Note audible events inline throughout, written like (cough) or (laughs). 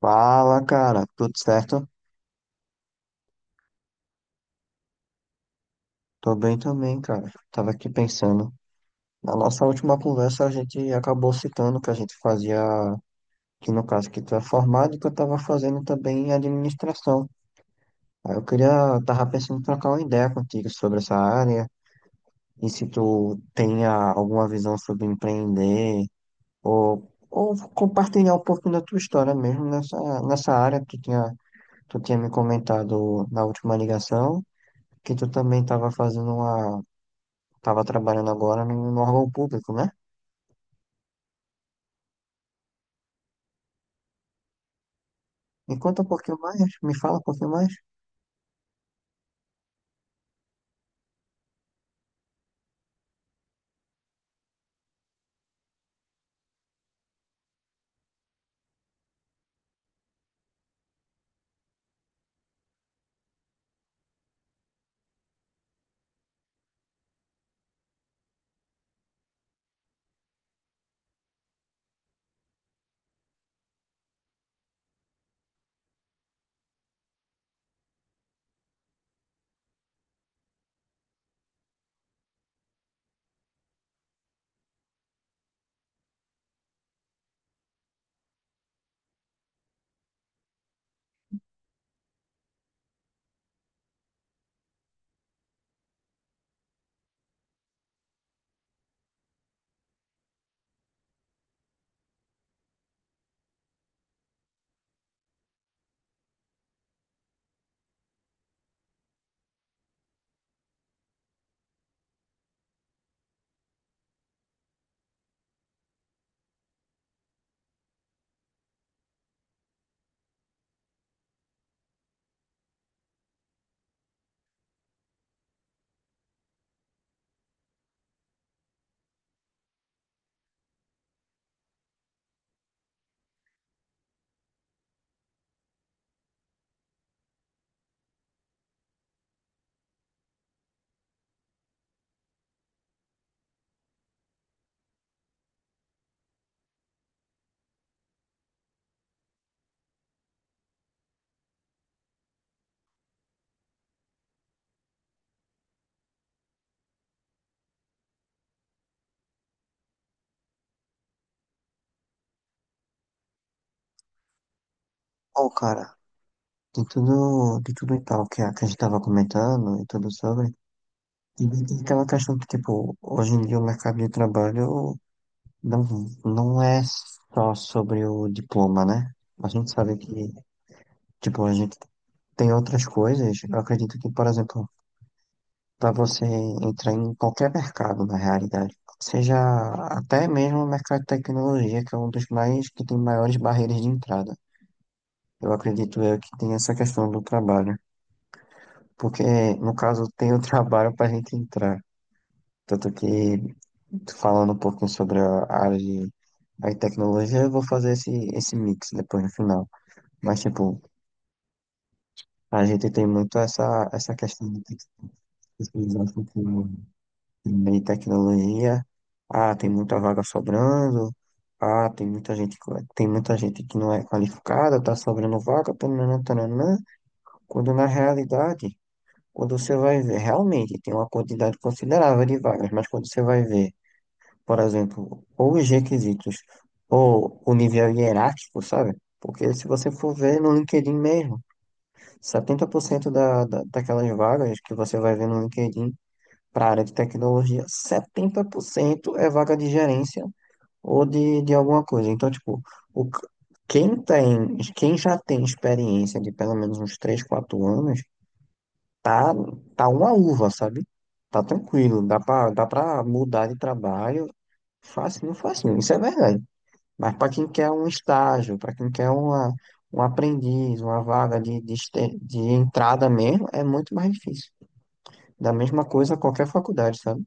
Fala, cara, tudo certo? Tô bem também, cara. Tava aqui pensando. Na nossa última conversa, a gente acabou citando que a gente fazia, que no caso que tu é formado e que eu tava fazendo também administração. Aí eu queria, tava pensando em trocar uma ideia contigo sobre essa área e se tu tenha alguma visão sobre empreender ou compartilhar um pouco da tua história mesmo nessa, nessa área que tu tinha me comentado na última ligação. Que tu também estava fazendo uma, tava trabalhando agora no órgão público, né? Me conta um pouquinho mais, me fala um pouquinho mais. Ó cara, de tudo e tal que a gente tava comentando e tudo sobre, e aquela questão que, tipo, hoje em dia o mercado de trabalho não, não é só sobre o diploma, né? A gente sabe que, tipo, a gente tem outras coisas. Eu acredito que, por exemplo, para você entrar em qualquer mercado, na realidade. Seja até mesmo o mercado de tecnologia, que é um dos mais que tem maiores barreiras de entrada. Eu acredito eu que tem essa questão do trabalho, porque no caso tem o (laughs) trabalho para a gente entrar. Tanto que falando um pouquinho sobre a área de a tecnologia, eu vou fazer esse, esse mix depois no final. Mas tipo, a gente tem muito essa questão de ter que especializar de tecnologia. Ah, tem muita vaga sobrando. Ah, tem muita gente, tem muita gente que não é qualificada, tá sobrando vaga, tananã, tananã. Quando na realidade, quando você vai ver, realmente tem uma quantidade considerável de vagas, mas quando você vai ver, por exemplo, ou os requisitos, ou o nível hierárquico, sabe? Porque se você for ver no LinkedIn mesmo, 70% daquelas vagas que você vai ver no LinkedIn para a área de tecnologia, 70% é vaga de gerência ou de alguma coisa. Então, tipo, o, c- quem tem, quem já tem experiência de pelo menos uns 3, 4 anos, tá, tá uma uva, sabe? Tá tranquilo, dá pra mudar de trabalho facinho, facinho, isso é verdade. Mas para quem quer um estágio, para quem quer uma, um aprendiz, uma vaga de entrada mesmo, é muito mais difícil. Da mesma coisa qualquer faculdade, sabe?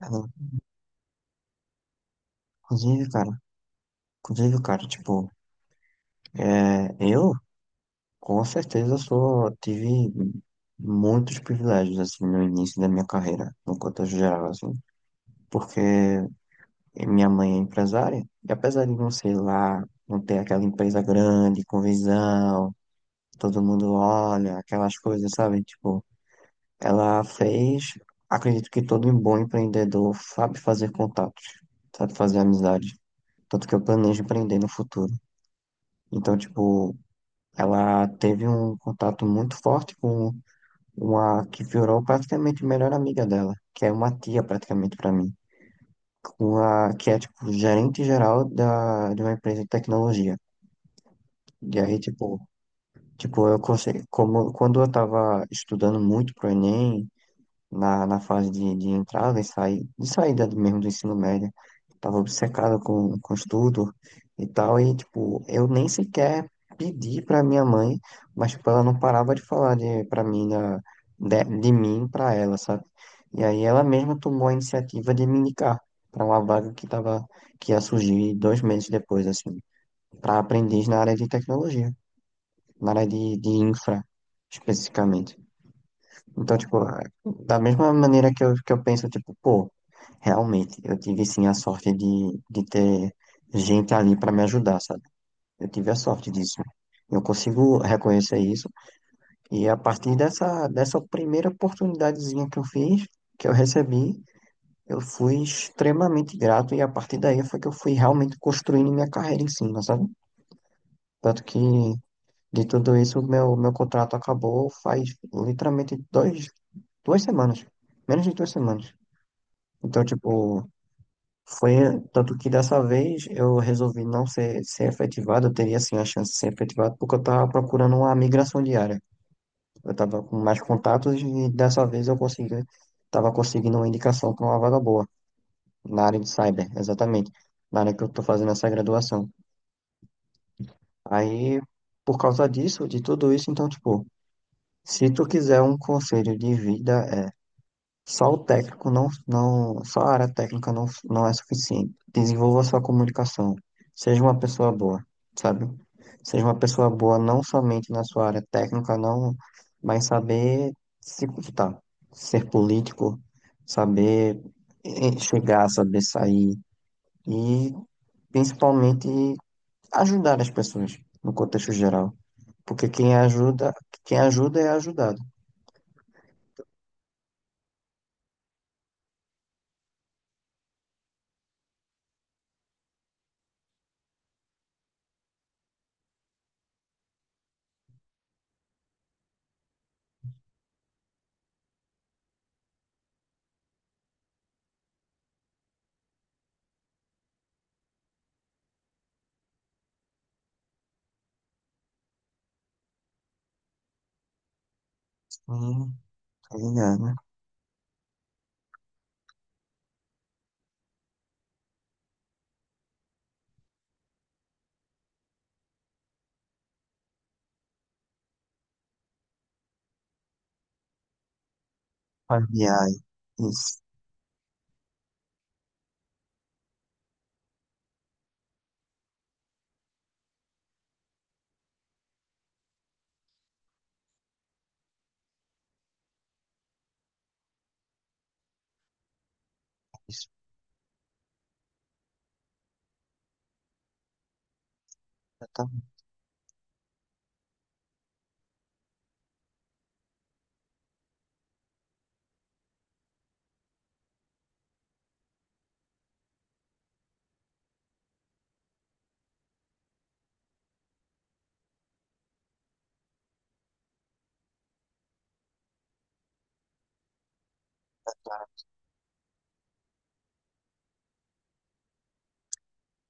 Sim. Inclusive, cara, inclusive, cara, tipo, é, eu com certeza só tive muitos privilégios, assim, no início da minha carreira, no contexto geral, assim, porque minha mãe é empresária, e apesar de não ser lá, não ter aquela empresa grande, com visão, todo mundo olha, aquelas coisas, sabe? Tipo, ela fez, acredito que todo bom empreendedor sabe fazer contatos, sabe fazer amizades, tanto que eu planejo empreender no futuro. Então, tipo, ela teve um contato muito forte com uma que virou praticamente a melhor amiga dela, que é uma tia praticamente para mim, com a que é tipo gerente geral da de uma empresa de tecnologia. E aí tipo, tipo eu consegui, como quando eu tava estudando muito pro Enem, na fase de entrada e saída, mesmo do ensino médio. Tava obcecado com estudo e tal, e tipo, eu nem sequer pedi pra minha mãe, mas tipo, ela não parava de falar de, pra mim, de mim pra ela, sabe? E aí ela mesma tomou a iniciativa de me indicar pra uma vaga que tava, que ia surgir dois meses depois, assim, pra aprendiz na área de tecnologia, na área de infra, especificamente. Então, tipo, ah, da mesma maneira que eu penso, tipo, pô, realmente, eu tive sim a sorte de ter gente ali pra me ajudar, sabe? Eu tive a sorte disso. Eu consigo reconhecer isso. E a partir dessa primeira oportunidadezinha que eu fiz, que eu recebi, eu fui extremamente grato. E a partir daí foi que eu fui realmente construindo minha carreira em cima, sabe? Tanto que de tudo isso, meu contrato acabou faz literalmente duas semanas. Menos de duas semanas. Então, tipo, foi. Tanto que dessa vez eu resolvi não ser, ser efetivado, eu teria assim a chance de ser efetivado, porque eu tava procurando uma migração diária. Eu tava com mais contatos e dessa vez eu consegui, tava conseguindo uma indicação para uma vaga boa, na área de cyber, exatamente, na área que eu tô fazendo essa graduação. Aí, por causa disso, de tudo isso, então, tipo, se tu quiser um conselho de vida, é, só o técnico não, não, só a área técnica não, não é suficiente. Desenvolva sua comunicação. Seja uma pessoa boa, sabe? Seja uma pessoa boa não somente na sua área técnica, não, mas saber se comportar, ser político, saber chegar, saber sair e principalmente ajudar as pessoas no contexto geral. Porque quem ajuda é ajudado. Hum, tá ligado, né? Ai, isso. Exatamente.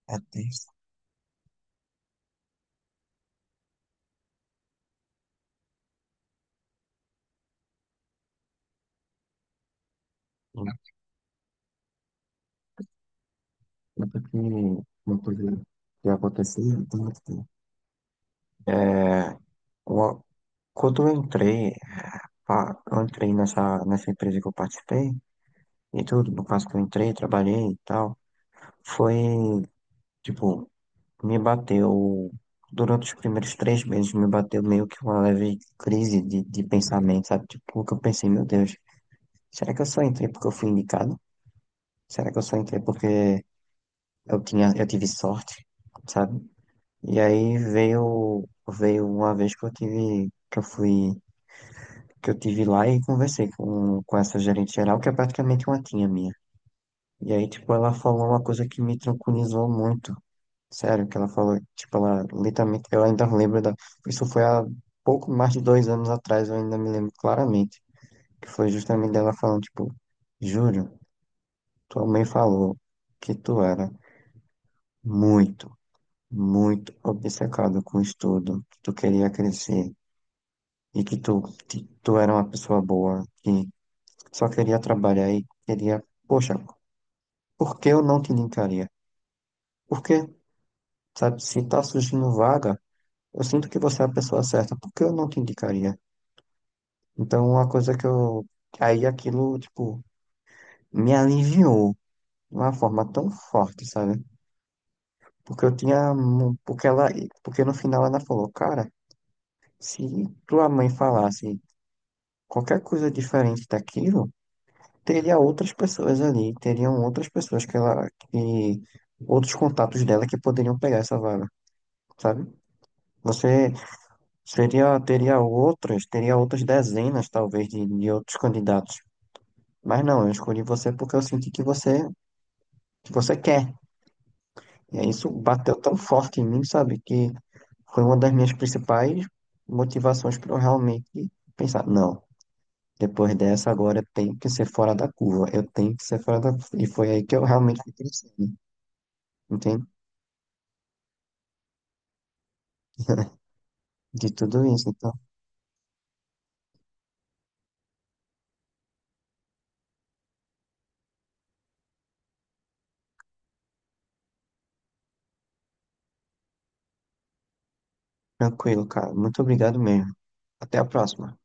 É tenso. Tanto que uma coisa que aconteceu, tanto que, é, uma- quando eu entrei, pá, eu entrei nessa, nessa empresa que eu participei, e tudo, no caso que eu entrei, trabalhei e tal, foi, tipo, me bateu, durante os primeiros três meses, me bateu meio que uma leve crise de pensamento, sabe? Tipo, porque eu pensei, meu Deus, será que eu só entrei porque eu fui indicado? Será que eu só entrei porque eu tive sorte? Sabe? E aí veio uma vez que eu tive lá e conversei com essa gerente geral, que é praticamente uma tia minha. E aí, tipo, ela falou uma coisa que me tranquilizou muito. Sério, que ela falou, tipo, ela literalmente, eu ainda lembro da, isso foi há pouco mais de dois anos atrás, eu ainda me lembro claramente, que foi justamente dela falando, tipo, Júlio, tua mãe falou que tu era muito, muito obcecado com o estudo, que tu queria crescer. e que tu, que tu era uma pessoa boa, que só queria trabalhar e queria, poxa, por que eu não te indicaria? Porque, sabe, se tá surgindo vaga, eu sinto que você é a pessoa certa, por que eu não te indicaria? Então, uma coisa que eu, aí aquilo, tipo, me aliviou de uma forma tão forte, sabe? Porque eu tinha, mu- porque ela, Porque no final ela falou, cara, se tua mãe falasse qualquer coisa diferente daquilo, teria outras pessoas ali, teriam outras pessoas que outros contatos dela que poderiam pegar essa vaga, sabe? Você Teria outras, teria outras dezenas talvez de outros candidatos. Mas não, eu escolhi você porque eu senti que você quer. E aí isso bateu tão forte em mim, sabe? Que foi uma das minhas principais motivações para eu realmente pensar, não, depois dessa agora eu tenho que ser fora da curva, eu tenho que ser fora da curva. E foi aí que eu realmente fui crescendo. Entende? (laughs) De tudo isso. Então, tranquilo, cara. Muito obrigado mesmo. Até a próxima.